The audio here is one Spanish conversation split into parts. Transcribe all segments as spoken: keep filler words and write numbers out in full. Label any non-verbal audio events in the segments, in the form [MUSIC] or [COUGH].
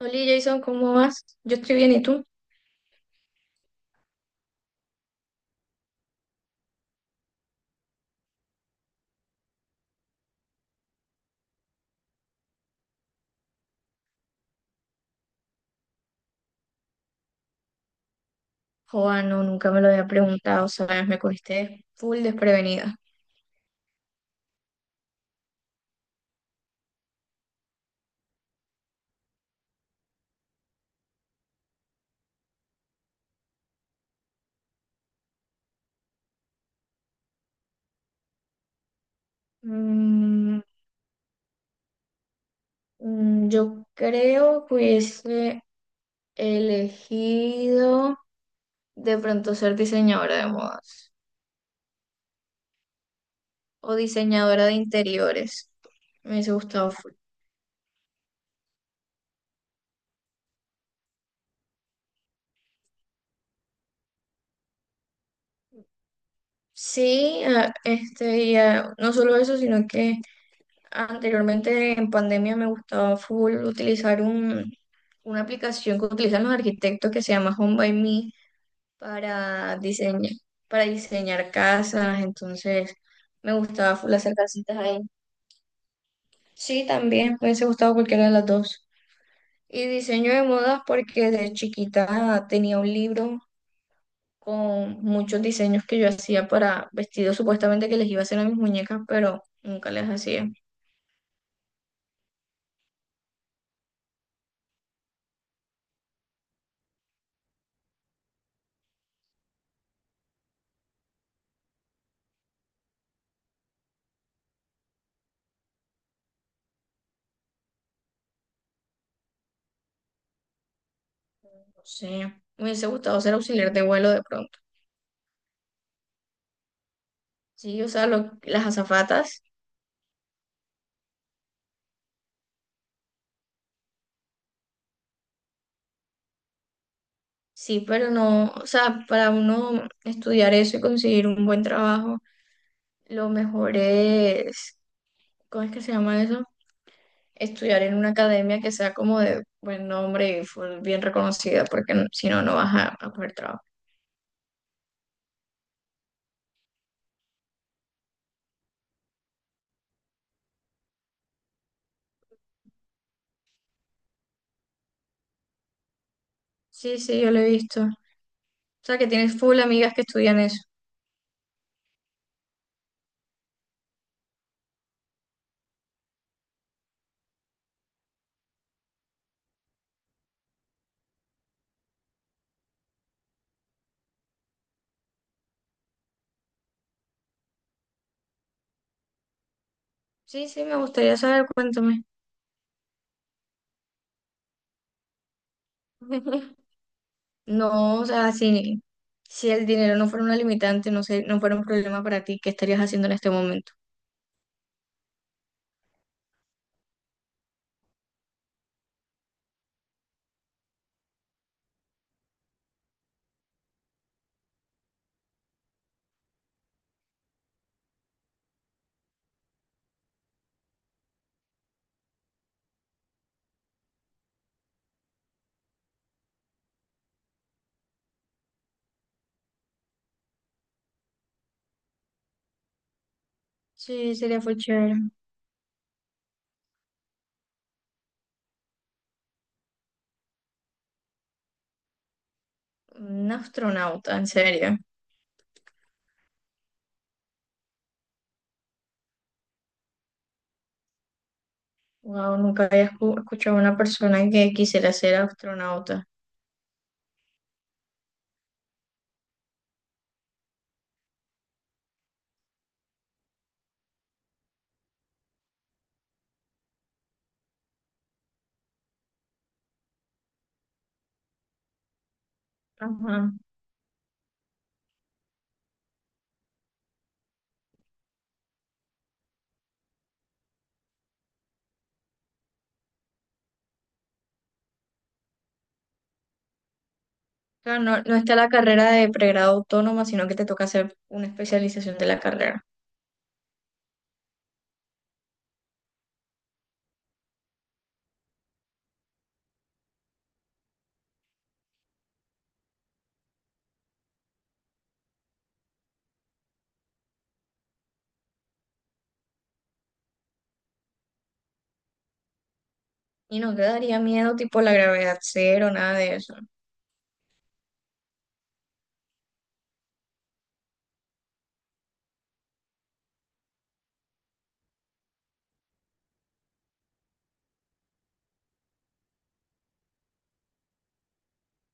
Hola Jason, ¿cómo vas? Yo estoy bien, ¿y tú? Joa, no, nunca me lo había preguntado, ¿sabes? Me cogiste full desprevenida. Mm, mm, yo creo que hubiese elegido de pronto ser diseñadora de modas o diseñadora de interiores. Me hubiese gustado full. Sí, ah, este, y, ah, no solo eso, sino que anteriormente en pandemia me gustaba full utilizar un, una aplicación que utilizan los arquitectos que se llama Home by Me, para diseñar, para diseñar casas. Entonces me gustaba full hacer casitas ahí. Sí, también me hubiese gustado cualquiera de las dos. Y diseño de modas, porque de chiquita tenía un libro con muchos diseños que yo hacía para vestidos supuestamente que les iba a hacer a mis muñecas, pero nunca les hacía. No sé, me hubiese gustado ser auxiliar de vuelo de pronto. Sí, o sea, lo- las azafatas. Sí, pero no, o sea, para uno estudiar eso y conseguir un buen trabajo, lo mejor es, ¿cómo es que se llama eso? Estudiar en una academia que sea como de buen nombre y full bien reconocida, porque n- si no, no vas a, a poder trabajo. Sí, sí, yo lo he visto. O sea, que tienes full amigas que estudian eso. Sí, sí, me gustaría saber, cuéntame. [LAUGHS] No, o sea, si, si el dinero no fuera una limitante, no sé, no fuera un problema para ti, ¿qué estarías haciendo en este momento? Sí, sería fue chévere. Un astronauta, ¿en serio? Wow, nunca había escu- escuchado a una persona que quisiera ser astronauta. Ajá. Claro, no, no está la carrera de pregrado autónoma, sino que te toca hacer una especialización de la carrera. ¿Y no te daría miedo, tipo la gravedad cero, nada de eso?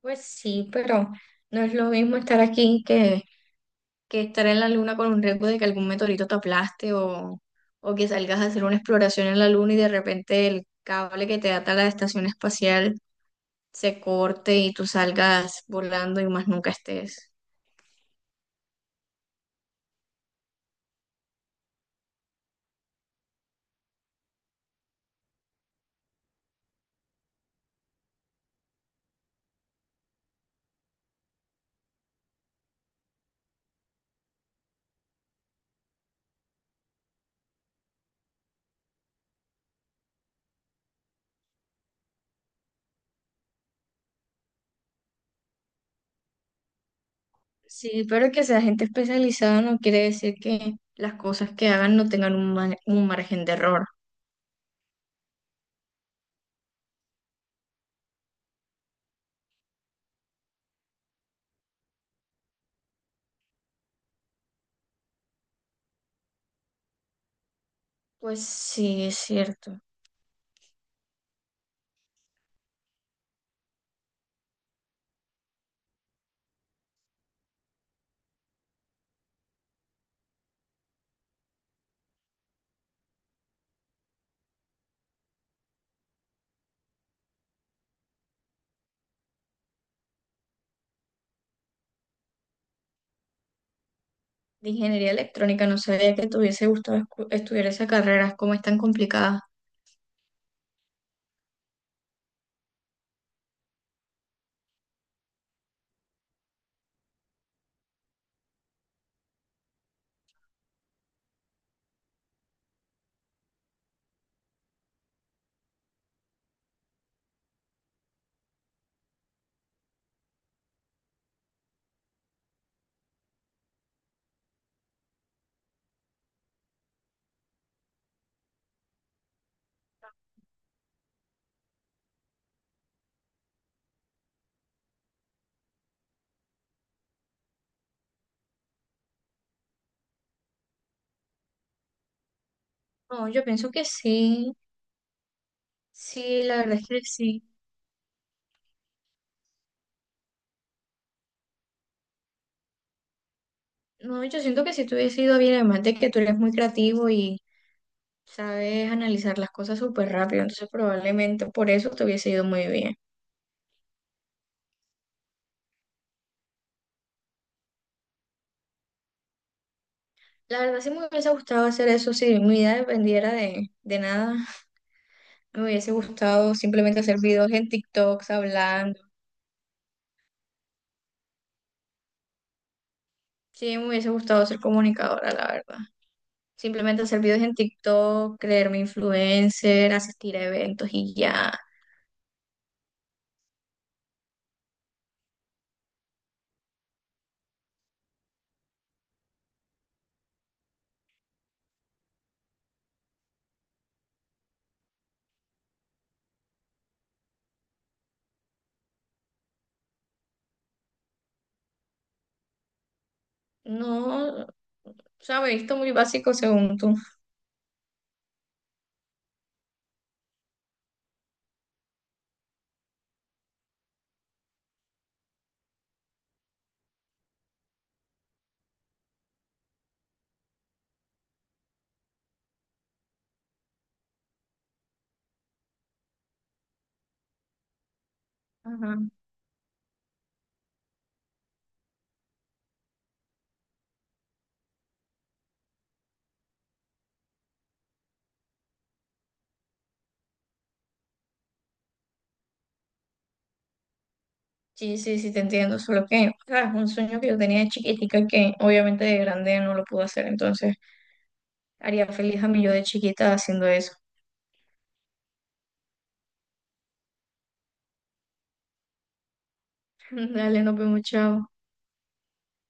Pues sí, pero no es lo mismo estar aquí que, que estar en la luna con un riesgo de que algún meteorito te aplaste, o, o que salgas a hacer una exploración en la luna y de repente el cable que te ata a la estación espacial se corte y tú salgas volando y más nunca estés. Sí, pero que sea gente especializada no quiere decir que las cosas que hagan no tengan un, ma- un margen de error. Pues sí, es cierto. De ingeniería electrónica no sabía que te hubiese gustado escu- estudiar esa carrera, como es tan complicada. No, yo pienso que sí, sí, la verdad es que sí. No, yo siento que si te hubiese ido bien, además de que tú eres muy creativo y sabes analizar las cosas súper rápido, entonces probablemente por eso te hubiese ido muy bien. La verdad sí me hubiese gustado hacer eso. Si mi vida dependiera de, de nada, me hubiese gustado simplemente hacer videos en TikToks hablando. Sí, me hubiese gustado ser comunicadora, la verdad. Simplemente hacer videos en TikTok, creerme influencer, asistir a eventos y ya. No, o sea, me he visto muy básico según tú. Ajá. Sí, sí, sí, te entiendo, solo que, o sea, es un sueño que yo tenía de chiquitica que obviamente de grande no lo pude hacer, entonces haría feliz a mí yo de chiquita haciendo eso. [LAUGHS] Dale, nos vemos, chao.